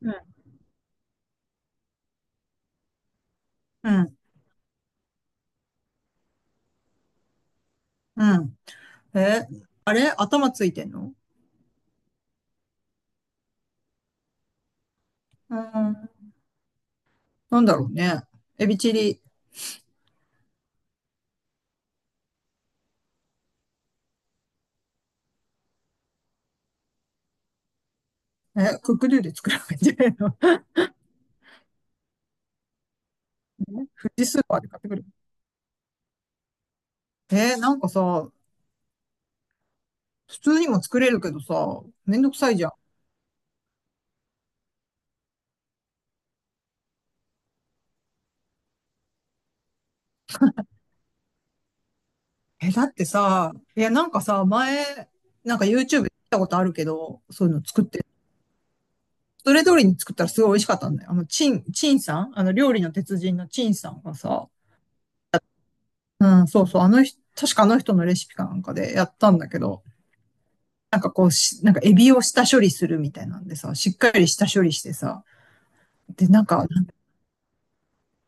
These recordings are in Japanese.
うん、うん、うん。え、あれ頭ついてんの？うん。なんだろうね。エビチリ。え、クックドゥで作らないんじゃないの？ 富士スーパーで買ってくる。なんかさ、普通にも作れるけどさ、めんどくさいじゃん。え、だってさ、いや、なんかさ、前、なんか YouTube で見たことあるけど、そういうの作って、それ通りに作ったらすごい美味しかったんだよ。チン、チンさん料理の鉄人のチンさんがさ、うん、そうそう、あの人、確かあの人のレシピかなんかでやったんだけど、なんかこうし、なんかエビを下処理するみたいなんでさ、しっかり下処理してさ、で、なんか、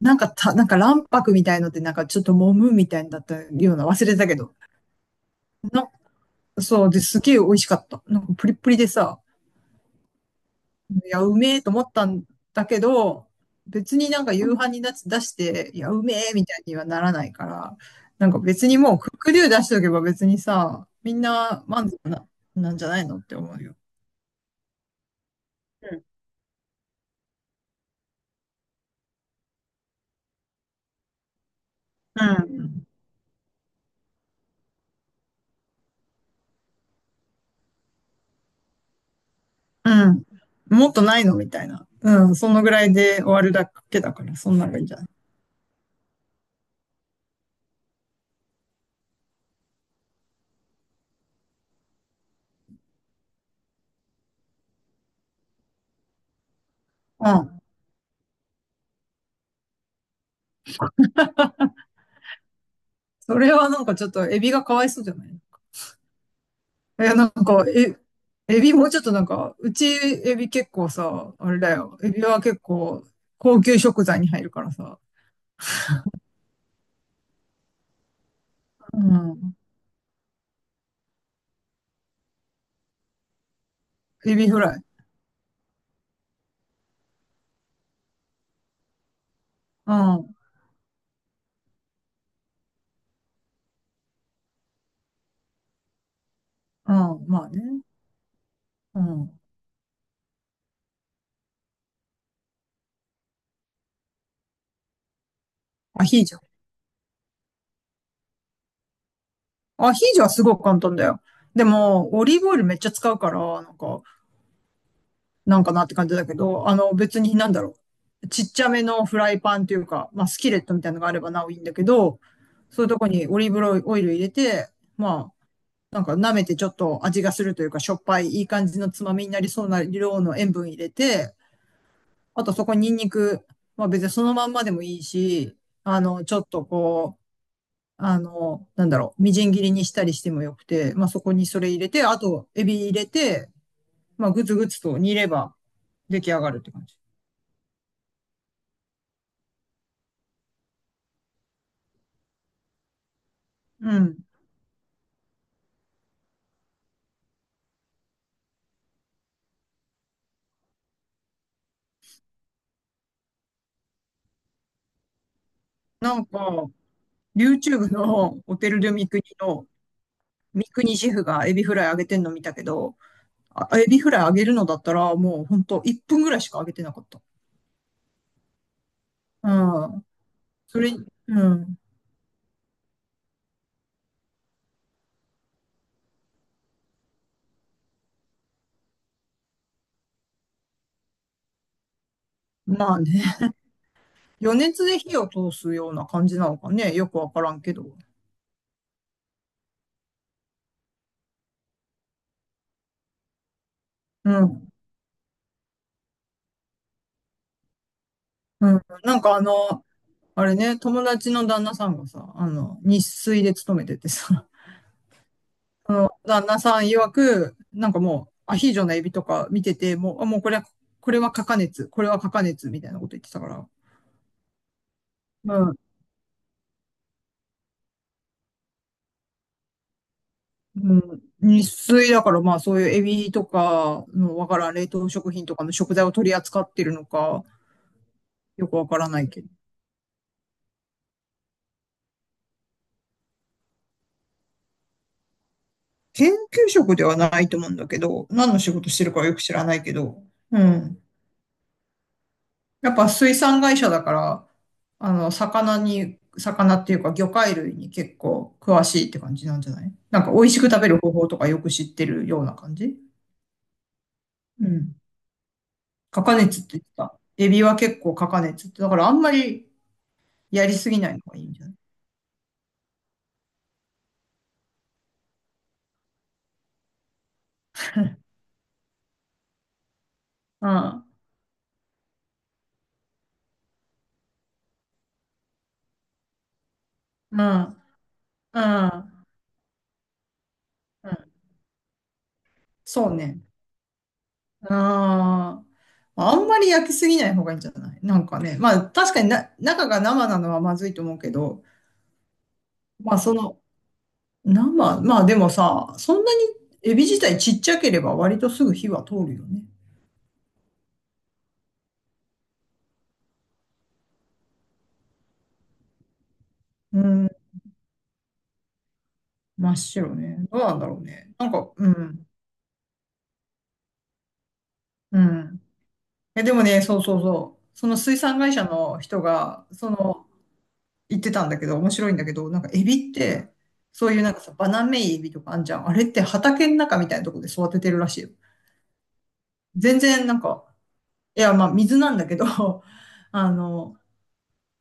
なんかた、なんか卵白みたいので、なんかちょっと揉むみたいだったような、忘れたけど。な、そう、で、すげえ美味しかった。なんかプリップリでさ、いや、うめえと思ったんだけど、別になんか夕飯に出して、いや、うめえみたいにはならないから、なんか別にもうクックデュー出しておけば別にさ、みんな満足な、なんじゃないのって思うよ。うん。うん。もっとないのみたいな。うん。そのぐらいで終わるだけだから、そんなのがいいんじゃない？うん。それはなんかちょっとエビがかわいそうじゃない？いや、なんか、え、エビもうちょっとなんか、うちエビ結構さ、あれだよ。エビは結構高級食材に入るからさ。うん。エビフライ。うん。うん。まあね。うん。アヒージョ。アヒージョはすごく簡単だよ。でも、オリーブオイルめっちゃ使うから、なんか、なんかなって感じだけど、あの別になんだろう。ちっちゃめのフライパンというか、まあスキレットみたいなのがあればなおいいんだけど、そういうとこにオリーブオイル入れて、まあなんか舐めてちょっと味がするというか、しょっぱいいい感じのつまみになりそうな量の塩分入れて、あとそこにニンニク、まあ別にそのまんまでもいいし、ちょっとこう、なんだろう、みじん切りにしたりしてもよくて、まあそこにそれ入れて、あとエビ入れて、まあグツグツと煮れば出来上がるって感じ。うん。なんか、YouTube のオテル・ドゥ・ミクニの、ミクニシェフがエビフライ揚げてんの見たけど、あ、エビフライ揚げるのだったら、もうほんと1分ぐらいしか揚げてなかった。うん。それ、うん。まあね。余熱で火を通すような感じなのかね。よくわからんけど。うん。うん。あれね、友達の旦那さんがさ、あの、日水で勤めててさ、あの、旦那さん曰く、なんかもう、アヒージョのエビとか見てて、もう、あ、もうこれは、これは過加熱、これは過加熱みたいなこと言ってたから。うん。うん。日水だから、まあそういうエビとかのわからん冷凍食品とかの食材を取り扱ってるのか、よくわからないけど。研究職ではないと思うんだけど、何の仕事してるかはよく知らないけど、うん。やっぱ水産会社だから、あの、魚に、魚っていうか魚介類に結構詳しいって感じなんじゃない？なんか美味しく食べる方法とかよく知ってるような感じ。うん。カカネツって言ってた。エビは結構カカネツって。だからあんまりやりすぎないのがいいんじゃない？うん。うん。うん。うん。そうね。うん。まあんまり焼きすぎない方がいいんじゃない？なんかね。まあ確かにな、中が生なのはまずいと思うけど、まあその生、まあでもさ、そんなにエビ自体ちっちゃければ割とすぐ火は通るよね。うん、真っ白ね。どうなんだろうね。なんか、うん、うん。え、でもね、そうそうそう。その水産会社の人が、その、言ってたんだけど、面白いんだけど、なんかエビって、そういうなんかさ、バナメイエビとかあんじゃん。あれって畑の中みたいなとこで育ててるらしいよ。全然なんか、いや、まあ水なんだけど、あの、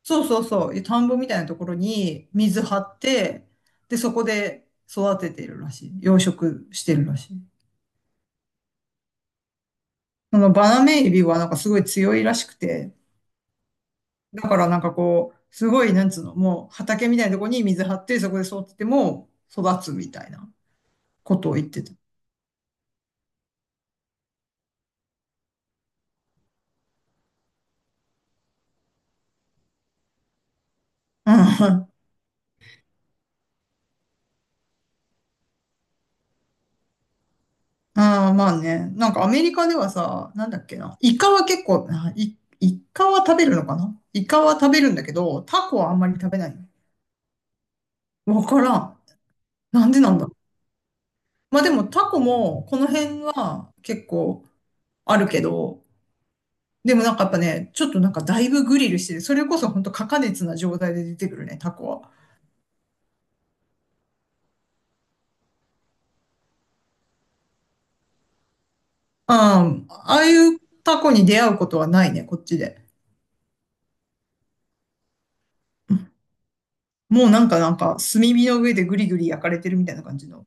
そうそうそう、田んぼみたいなところに水張って、で、そこで育ててるらしい。養殖してるらしい。そのバナメイエビはなんかすごい強いらしくて、だからなんかこう、すごい、なんつうの、もう畑みたいなところに水張って、そこで育てても育つみたいなことを言ってた。うん。ああ、まあね。なんかアメリカではさ、なんだっけな。イカは結構、イカは食べるのかな？イカは食べるんだけど、タコはあんまり食べない。わからん。なんでなんだろう？まあでもタコもこの辺は結構あるけど、でもなんかやっぱね、ちょっとなんかだいぶグリルしてる。それこそ本当過加熱な状態で出てくるね、タコは。うん。ああいうタコに出会うことはないね、こっちで。うん。もうなんかなんか炭火の上でグリグリ焼かれてるみたいな感じの。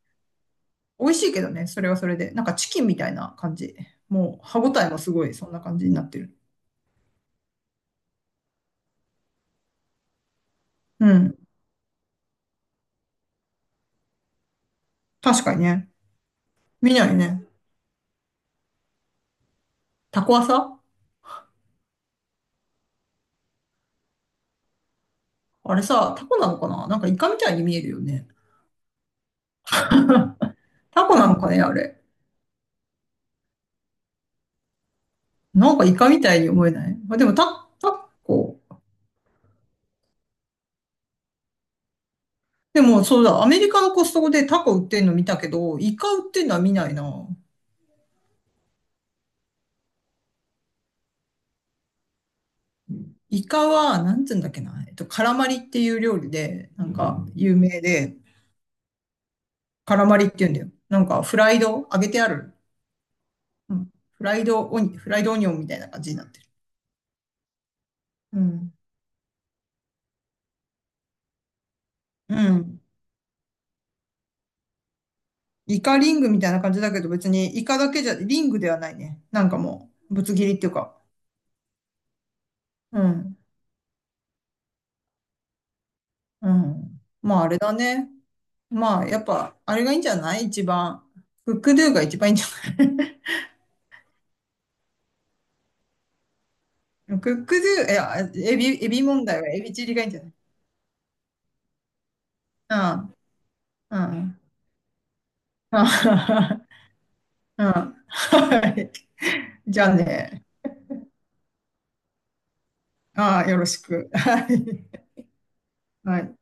美味しいけどね、それはそれで。なんかチキンみたいな感じ。もう歯ごたえもすごい、そんな感じになってる。うん。確かにね。見ないね。タコはさ、あれさ、タコなのかな？なんかイカみたいに見えるよね。タコなのかね、あれ。なんかイカみたいに思えない。あ、でもタコ。でも、そうだ、アメリカのコストコでタコ売ってんの見たけど、イカ売ってんのは見ないな。イカは、なんつうんだっけな。えっと、カラマリっていう料理で、なんか有名で、カラマリって言うんだよ。なんかフライド、揚げてある。うん。フライドオニオンみたいな感じになってる。うん。うん。イカリングみたいな感じだけど、別にイカだけじゃ、リングではないね。なんかもう、ぶつ切りっていうか。うん。うん。まあ、あれだね。まあ、やっぱ、あれがいいんじゃない？一番。クックドゥが一番いいんじゃない？ クックドゥ、いや、エビ、エビ問題はエビチリがいいんじゃない？うん、うん、あ うん。はい。じゃあね。ああ、よろしく。はい。はい。